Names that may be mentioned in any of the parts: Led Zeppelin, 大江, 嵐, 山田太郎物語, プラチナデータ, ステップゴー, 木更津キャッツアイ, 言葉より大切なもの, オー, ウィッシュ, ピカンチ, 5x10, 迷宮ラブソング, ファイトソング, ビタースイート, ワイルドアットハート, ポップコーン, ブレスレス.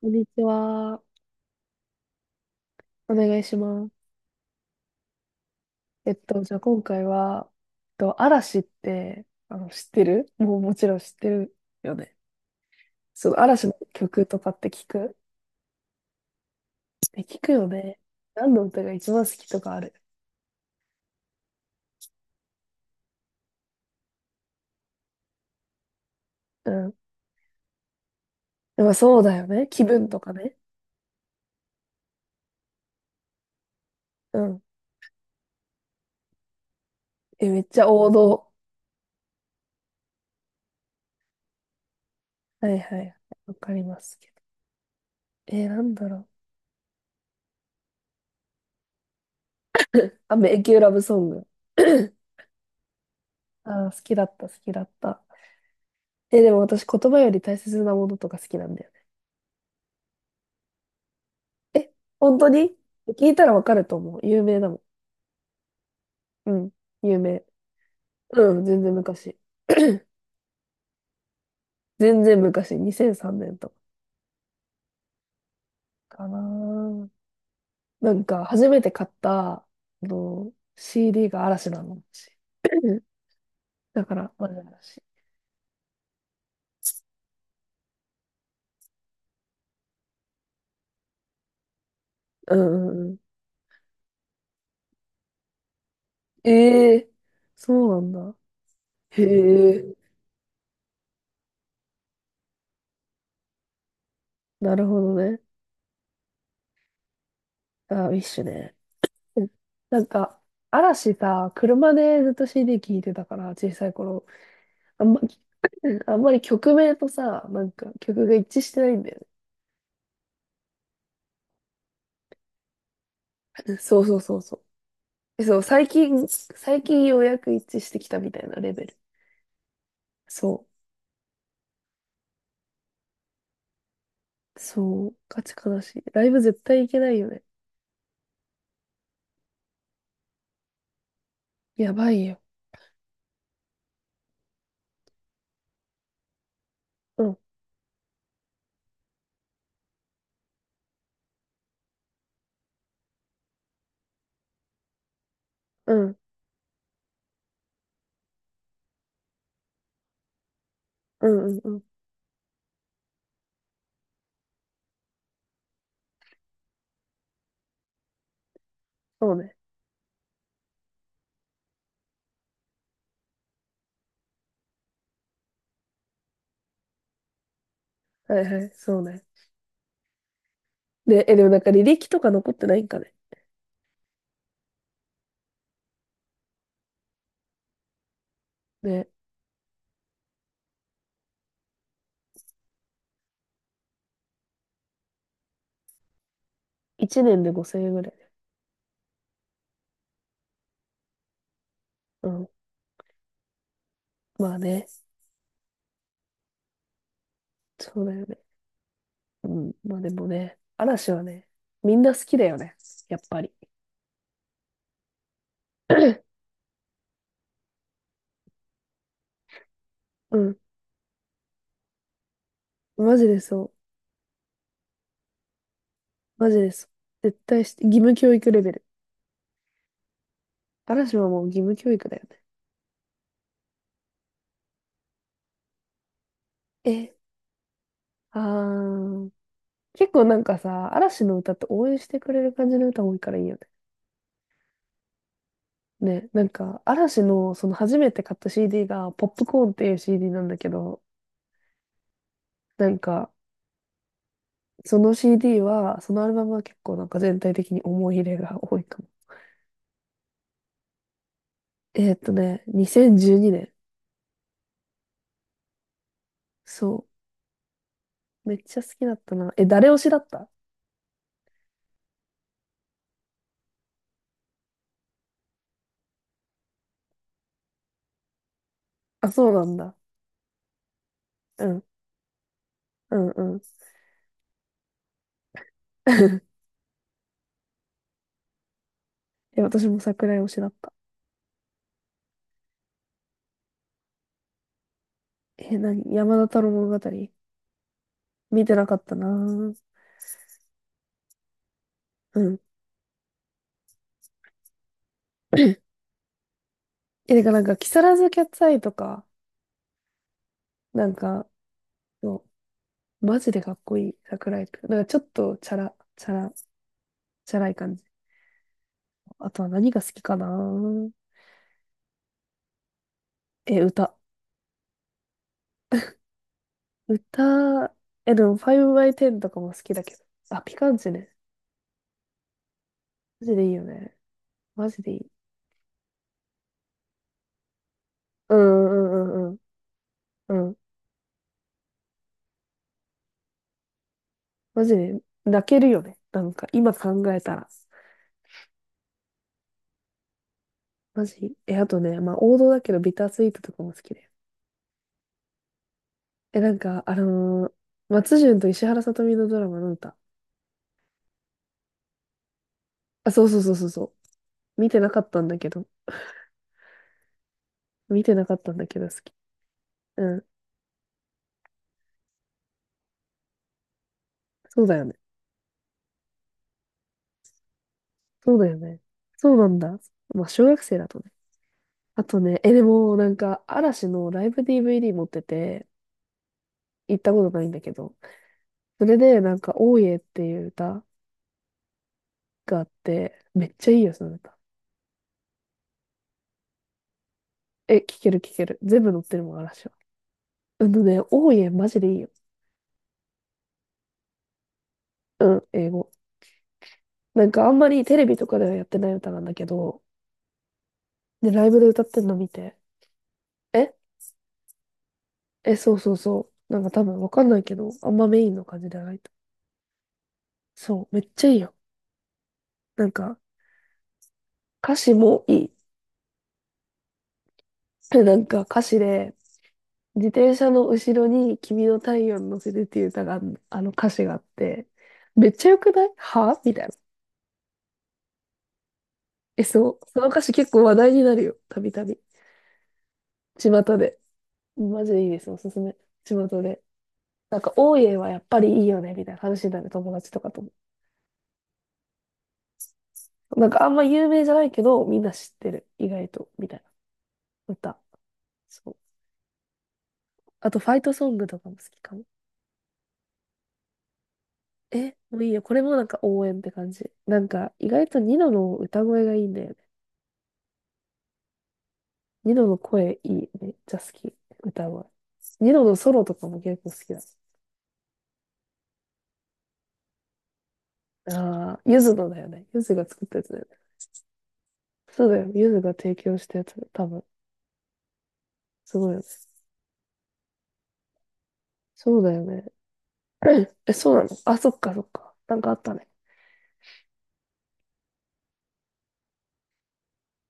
こんにちは。お願いします。じゃあ今回は、嵐って、知ってるもうもちろん知ってるよね。その嵐の曲とかって聞く？え、聞くよね。何の歌が一番好きとかある？うん。まあそうだよね。気分とかね。うん。え、めっちゃ王道。はいはい。わかりますけど。なんだろう。あ、迷宮ラブソング。好きだった、好きだった。え、でも私言葉より大切なものとか好きなんだよ。え、本当に？聞いたらわかると思う。有名だもん。うん、有名。うん、全然昔。全然昔、2003年とかかなー。なんか、初めて買った、CD が嵐なの。私 だから、まだ嵐。うんうんうん。ええ、そうなんだ。へえ、なるほどね。あ、ウィッシュね。うん、なんか、嵐さ、車でずっと CD 聴いてたから、小さい頃。あんま、あんまり曲名とさ、なんか曲が一致してないんだよね。そうそうそうそう。そう、最近ようやく一致してきたみたいなレベル。そう。そう。ガチ悲しい。ライブ絶対行けないよね。やばいよ。うん、うん、うん、うん、うん。そうね。はいはい、そうね。で、でもなんか履歴とか残ってないんかね。ね。1年で5000円ぐらい。うん。まあね。そうだよね。うん。まあでもね、嵐はね、みんな好きだよね。やっぱり。うん。マジでそう。マジでそう。絶対して、義務教育レベル。嵐はもう義務教育だよね。え、あー。結構なんかさ、嵐の歌って応援してくれる感じの歌多いからいいよね。ね、なんか、嵐のその初めて買った CD が、ポップコーンっていう CD なんだけど、なんか、そのアルバムは結構なんか全体的に思い入れが多いかも。2012年。そう。めっちゃ好きだったな。え、誰推しだった？あ、そうなんだ。うん、うん、うん。え、私も桜井推しだった。え、何？山田太郎物語？見てなかったなぁ。うん。え、てかなんか、木更津キャッツアイとか、なんか、そう、マジでかっこいい、桜井くん。なんかちょっとチャラい感じ。あとは何が好きかなぁ？え、歌？歌、でも 5x10 とかも好きだけど。あ、ピカンチね。マジでいいよね。マジでいい。うんうんうんうんうん。うん。マジで泣けるよね。なんか、今考えたら。マジ。え、あとね、まあ王道だけどビタースイートとかも好きで。え、なんか、松潤と石原さとみのドラマの歌。あ、そうそうそうそうそう。見てなかったんだけど。見てなかったんだけど好き。うん。そうだよね。そうだよね。そうなんだ。まあ小学生だとね。あとね、え、でもなんか嵐のライブ DVD 持ってて、行ったことないんだけど。それでなんか、大江っていう歌があって、めっちゃいいよ、その歌。え、聴ける聴ける。全部載ってるもん、嵐は。うんとね、オーマジでいいよ。うん、英語。なんかあんまりテレビとかではやってない歌なんだけど、で、ライブで歌ってんの見て、ええ、そうそうそう。なんか多分わかんないけど、あんまメインの感じじゃないと。そう、めっちゃいいよ。なんか、歌詞もいい。でなんか歌詞で、自転車の後ろに君の太陽に乗せてっていう歌があん、あの歌詞があって、めっちゃ良くない？はみたいな。え、そう。その歌詞結構話題になるよ。たびたび。巷で。マジでいいです。おすすめ。巷で。なんか、大家はやっぱりいいよね、みたいな話になる友達とかとも。なんか、あんま有名じゃないけど、みんな知ってる。意外と、みたいな歌。そう。あと、ファイトソングとかも好きかも。え、もういいよ。これもなんか応援って感じ。なんか、意外とニノの歌声がいいんだよね。ニノの声いいね。めっちゃ好き。歌声。ニノのソロとかも結構好きだ。ああ、ゆずのだよね。ゆずが作ったやつだよね。そうだよ。ゆずが提供したやつだよ。多分。すごいよね。そうだよね。うん、え、そうなの？あ、そっかそっか。なんかあったね。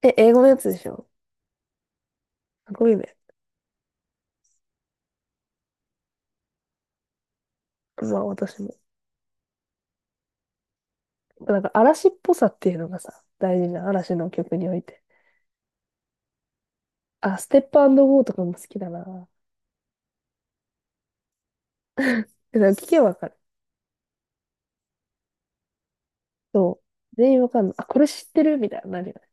え、英語のやつでしょ？すごいね。まあ私も。なんか嵐っぽさっていうのがさ、大事な嵐の曲において。あ、ステップゴーとかも好きだな。え、なんか聞けばわかる。そう。全員わかんない。あ、これ知ってるみたいな、なるよね。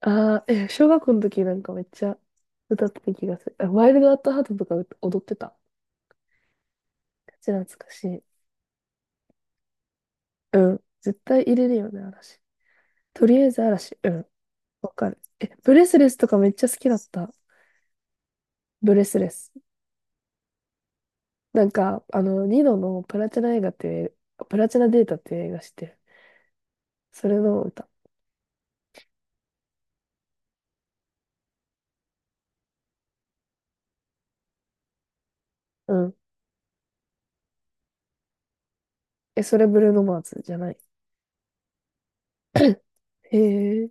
あー、え、小学校の時なんかめっちゃ歌ってた気がする。あ、ワイルドアットハートとか歌踊ってた。めっ懐かしい。うん。絶対入れるよね、嵐。とりあえず嵐。うん。わかる。え、ブレスレスとかめっちゃ好きだった。ブレスレス。なんか、ニノのプラチナデータっていう映画してる。それの歌。うん。え、それブルーノマーズじゃない？へえ、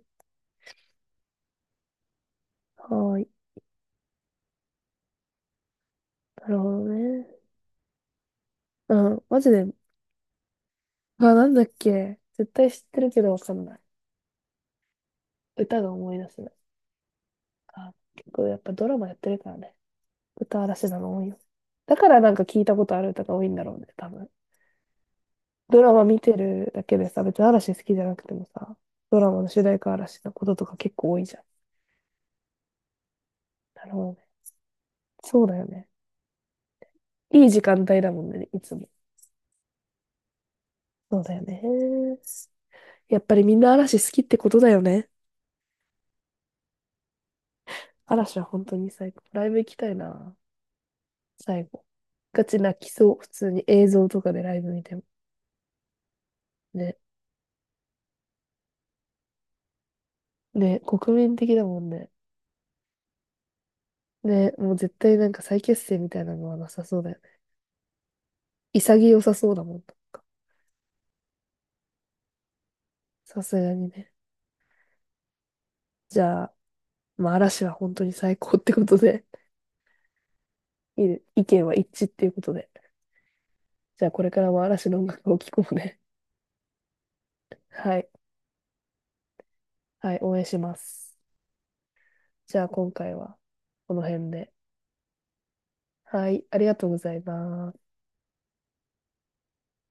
はーい。なるほどね。うん、マジで。あ、なんだっけ。絶対知ってるけどわかんない。歌が思い出せない。あ、結構やっぱドラマやってるからね。歌、嵐なの多いよ。だからなんか聞いたことある歌が多いんだろうね、多分。ドラマ見てるだけでさ、別に嵐好きじゃなくてもさ、ドラマの主題歌嵐のこととか結構多いじゃん。なるほど。そうだよね。いい時間帯だもんね、いつも。そうだよね。やっぱりみんな嵐好きってことだよね。嵐は本当に最高。ライブ行きたいな、最後。ガチ泣きそう、普通に映像とかでライブ見ても。ね。ね、国民的だもんね。ね、もう絶対なんか再結成みたいなのはなさそうだよね。潔さそうだもん、なんか。さすがにね。じゃあ、まあ嵐は本当に最高ってことで、いいね、意見は一致っていうことで。じゃあこれからも嵐の音楽を聴こうね。はい。はい、応援します。じゃあ今回はこの辺で。はい、ありがとうございます。